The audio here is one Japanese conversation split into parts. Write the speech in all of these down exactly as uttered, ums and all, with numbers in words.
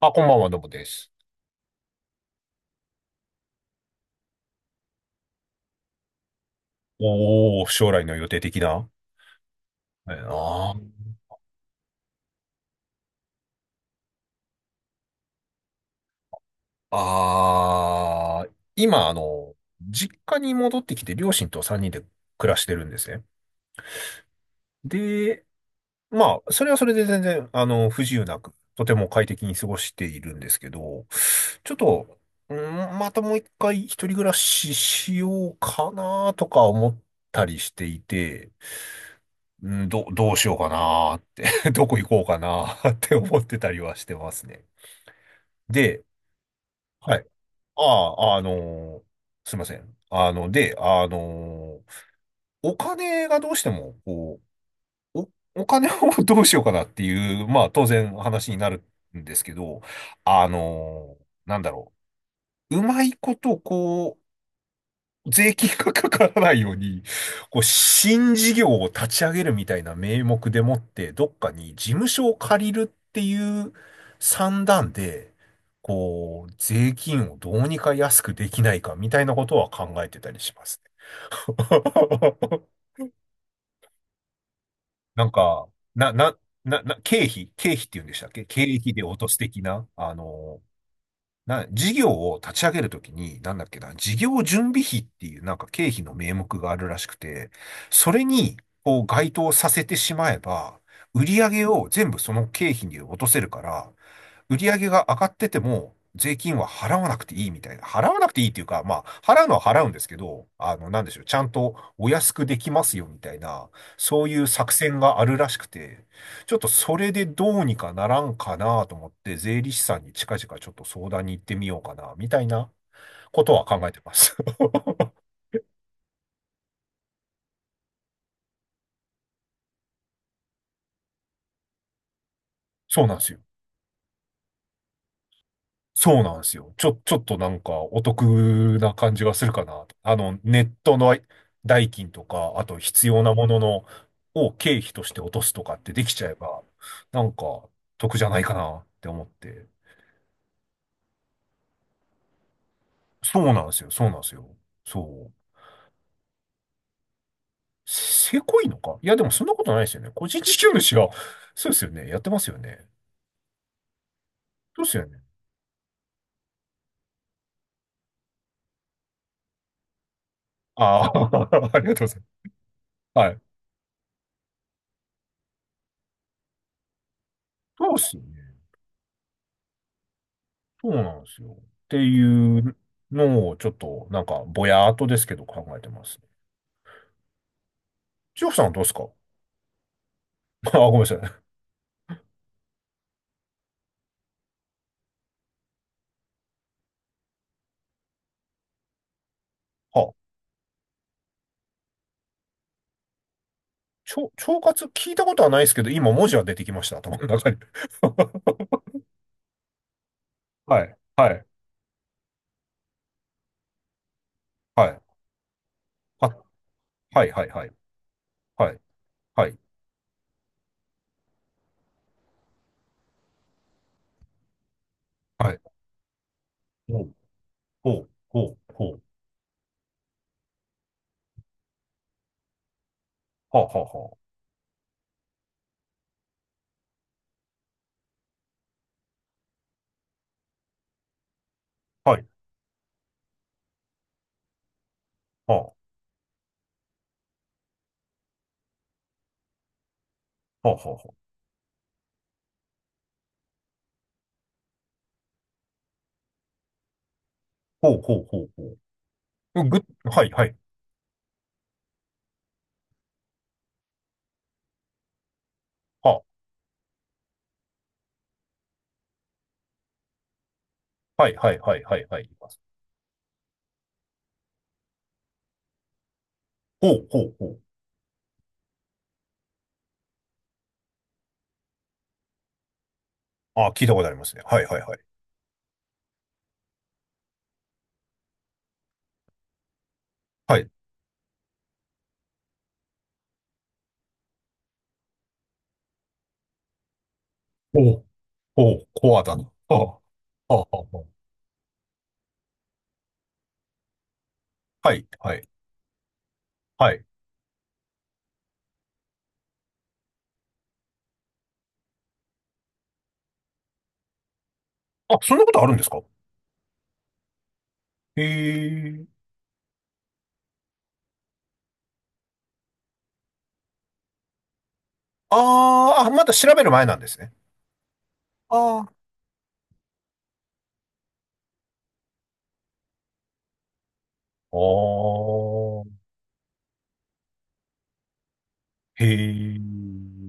あ、こんばんは、どうもです。おー、将来の予定的な、ええな。ああー、今、あの、実家に戻ってきて、両親とさんにんで暮らしてるんですね。で、まあ、それはそれで全然、あの、不自由なく、とても快適に過ごしているんですけど、ちょっと、うん、またもう一回一人暮らししようかなとか思ったりしていて、うん、ど、どうしようかなって どこ行こうかなって思ってたりはしてますね。で、はい。ああ、あのーすいません。あの、で、あのーお金がどうしても、こう、お、お金を どうしようかなっていう、まあ、当然話になるんですけど、あのーなんだろう。うまいこと、こう、税金がかからないように、こう、新事業を立ち上げるみたいな名目でもって、どっかに事務所を借りるっていう算段で、こう、税金をどうにか安くできないかみたいなことは考えてたりしますね。なんか、な、な、な、な、経費、経費って言うんでしたっけ、経費で落とす的な、あの、な、事業を立ち上げるときに、なんだっけな、事業準備費っていうなんか経費の名目があるらしくて、それにこう該当させてしまえば、売り上げを全部その経費に落とせるから、売り上げが上がってても、税金は払わなくていいみたいな。払わなくていいっていうか、まあ、払うのは払うんですけど、あの、なんでしょう、ちゃんとお安くできますよみたいな、そういう作戦があるらしくて、ちょっとそれでどうにかならんかなと思って、税理士さんに近々ちょっと相談に行ってみようかな、みたいなことは考えてます。そうなんですよ。そうなんですよ。ちょ、ちょっとなんかお得な感じがするかなと。あの、ネットの代金とか、あと必要なものの、を経費として落とすとかってできちゃえば、なんか得じゃないかなって思って。そうなんですよ。そうなんですよ。そう。せせこいのかいや、でもそんなことないですよね。個人事業主が、そうですよね。やってますよね。そうですよね。ああ、ありがとうございます。はい。そうですよね。そうなんですよ。っていうのを、ちょっと、なんか、ぼやーっとですけど考えてます。千穂さんはどうですか？ あ、ごめんなさい。あ、ちょ、腸活聞いたことはないですけど、今文字は出てきました、頭の中に。はい、はい、はい。あ、はい、はい、はい、はい、はい、はい。ほう、ほう、ほう、ほう。はあ、はあ、はあ。はい、はあ、はあ、はあ、は、ほう、ほう、ほう、ほう。ぐ、はい、はい。はあ、はい、はい、はい、はい、はい。ほう、ほう、ほう。あ、聞いたことありますね。はい、はい、はい。はい。おう、おう、コアだな。ああ、ああ、ああ、はい、はい、はい。あ、そんなことあるんですか？へえ。あーあ、まだ調べる前なんですね。ああ。ああ、へえ。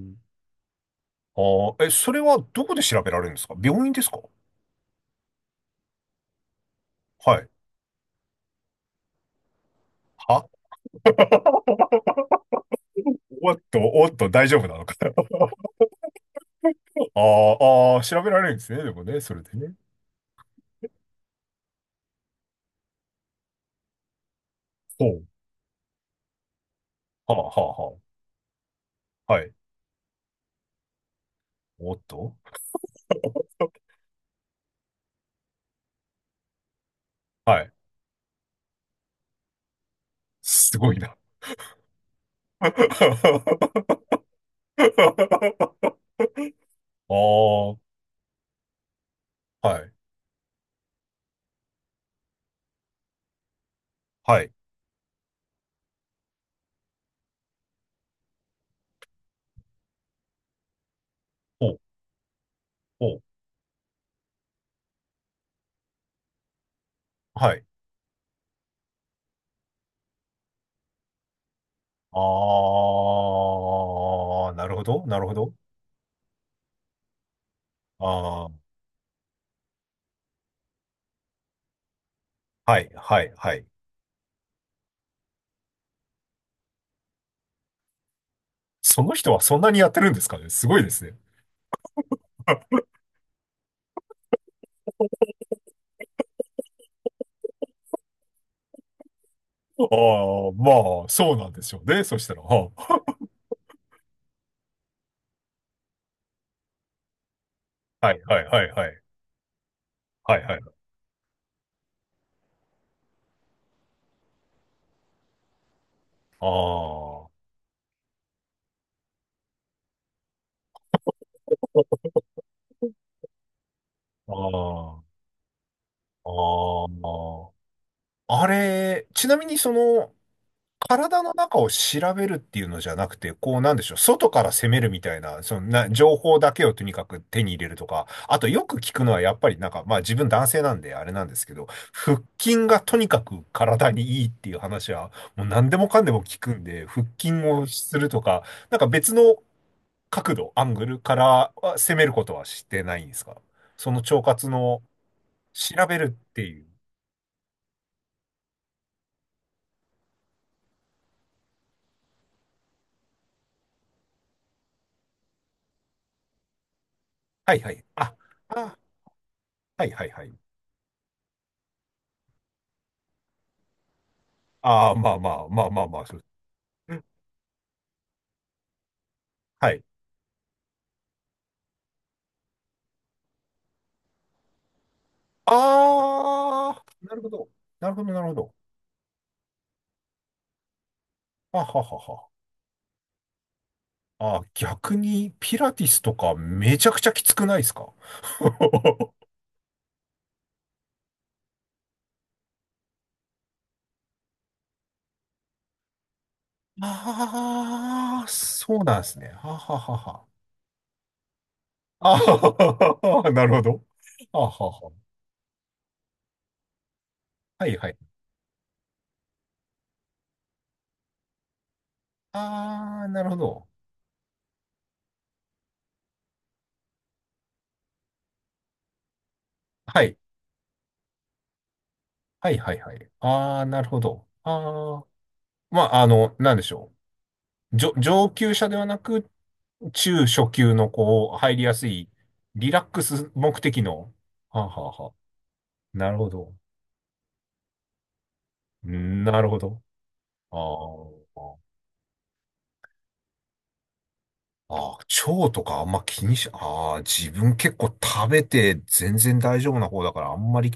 ああ、え、それはどこで調べられるんですか？病院ですか？はい。は、おっと、おっと、大丈夫なのか。ああ、ああ、調べられるんですね。でもね、それでね。ほう。はあ、はあ、はあ。はい。おっと。はい。すごいな。ああ、はい、はい。お、お、はい。ああ、なるほど、なるほど。ああ、はい、はい、はい。その人はそんなにやってるんですかね、すごいですね。ああ、まあ、そうなんでしょうね。そしたら、はあ、はい、はい、はい、はい、はい、はい。ああ、ああ、ああ、あれ、ちなみにその、体の中を調べるっていうのじゃなくて、こう、なんでしょう、外から攻めるみたいな、そのな、情報だけをとにかく手に入れるとか、あとよく聞くのはやっぱりなんか、まあ自分男性なんであれなんですけど、腹筋がとにかく体にいいっていう話は、もう何でもかんでも聞くんで、腹筋をするとか、なんか別の角度、アングルからは攻めることはしてないんですか？その腸活の調べるっていう。はいはい。あ、あ、はいはいはい。ああ、まあまあまあまあまあ。そう。はい。あー、なるほど。なるほど、なるほど。あははは。あ、逆にピラティスとかめちゃくちゃきつくないですか？ ああ、そうなんですね。はははは。あはは なるほど。あはは。はいはい。ああ、なるほど。はい。はいはいはい。ああ、なるほど。ああ。まあ、あの、なんでしょう。上、上級者ではなく、中初級のこう、入りやすい、リラックス目的の。はあ、はあ、はあ、なるほど。うん、なるほど。ああ。あ、腸とかあんま気にし、ああ、自分結構食べて全然大丈夫な方だからあんまり、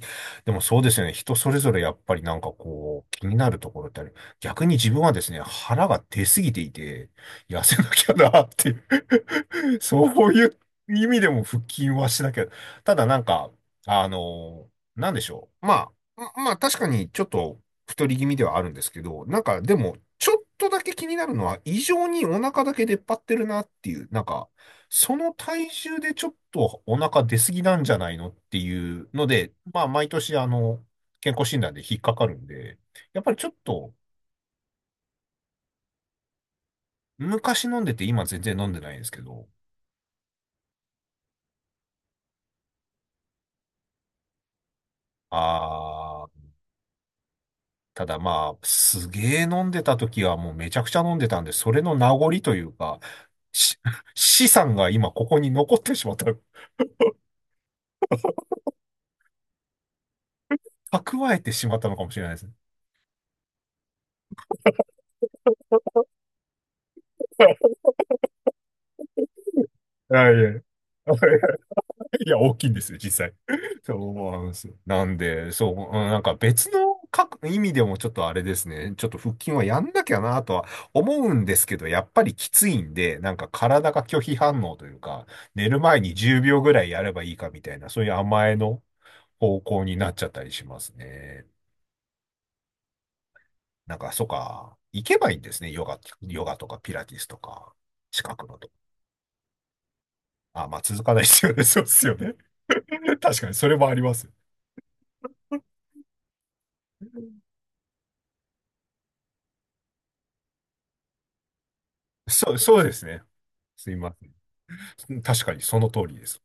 でもそうですよね。人それぞれやっぱりなんかこう、気になるところってある。逆に自分はですね、腹が出すぎていて、痩せなきゃなっていう そういう意味でも腹筋はしなきゃ。ただなんか、あのなんでしょう。まあ、ままあ確かにちょっと太り気味ではあるんですけど、なんかでも、ちょっとだけ気になるのは、異常にお腹だけ出っ張ってるなっていう、なんか、その体重でちょっとお腹出過ぎなんじゃないのっていうので、まあ、毎年、あの、健康診断で引っかかるんで、やっぱりちょっと、昔飲んでて、今全然飲んでないんですけど、あー、ただまあ、すげー飲んでた時はもうめちゃくちゃ飲んでたんで、それの名残というか、し 資産が今ここに残ってしまった、蓄えてしまったのかもしれないですね。あ、いやいや、いや大きいんですよ、実際。そうなんですよ。なんで、そう、うん、なんか別の各意味でもちょっとあれですね。ちょっと腹筋はやんなきゃなとは思うんですけど、やっぱりきついんで、なんか体が拒否反応というか、寝る前にじゅうびょうぐらいやればいいかみたいな、そういう甘えの方向になっちゃったりしますね。なんか、そうか、行けばいいんですね。ヨガ、ヨガとかピラティスとか、近くの。あ、まあ続かないですよね。そうですよね。確かに、それもあります。そう、そうですね。すいません。確かに、その通りです。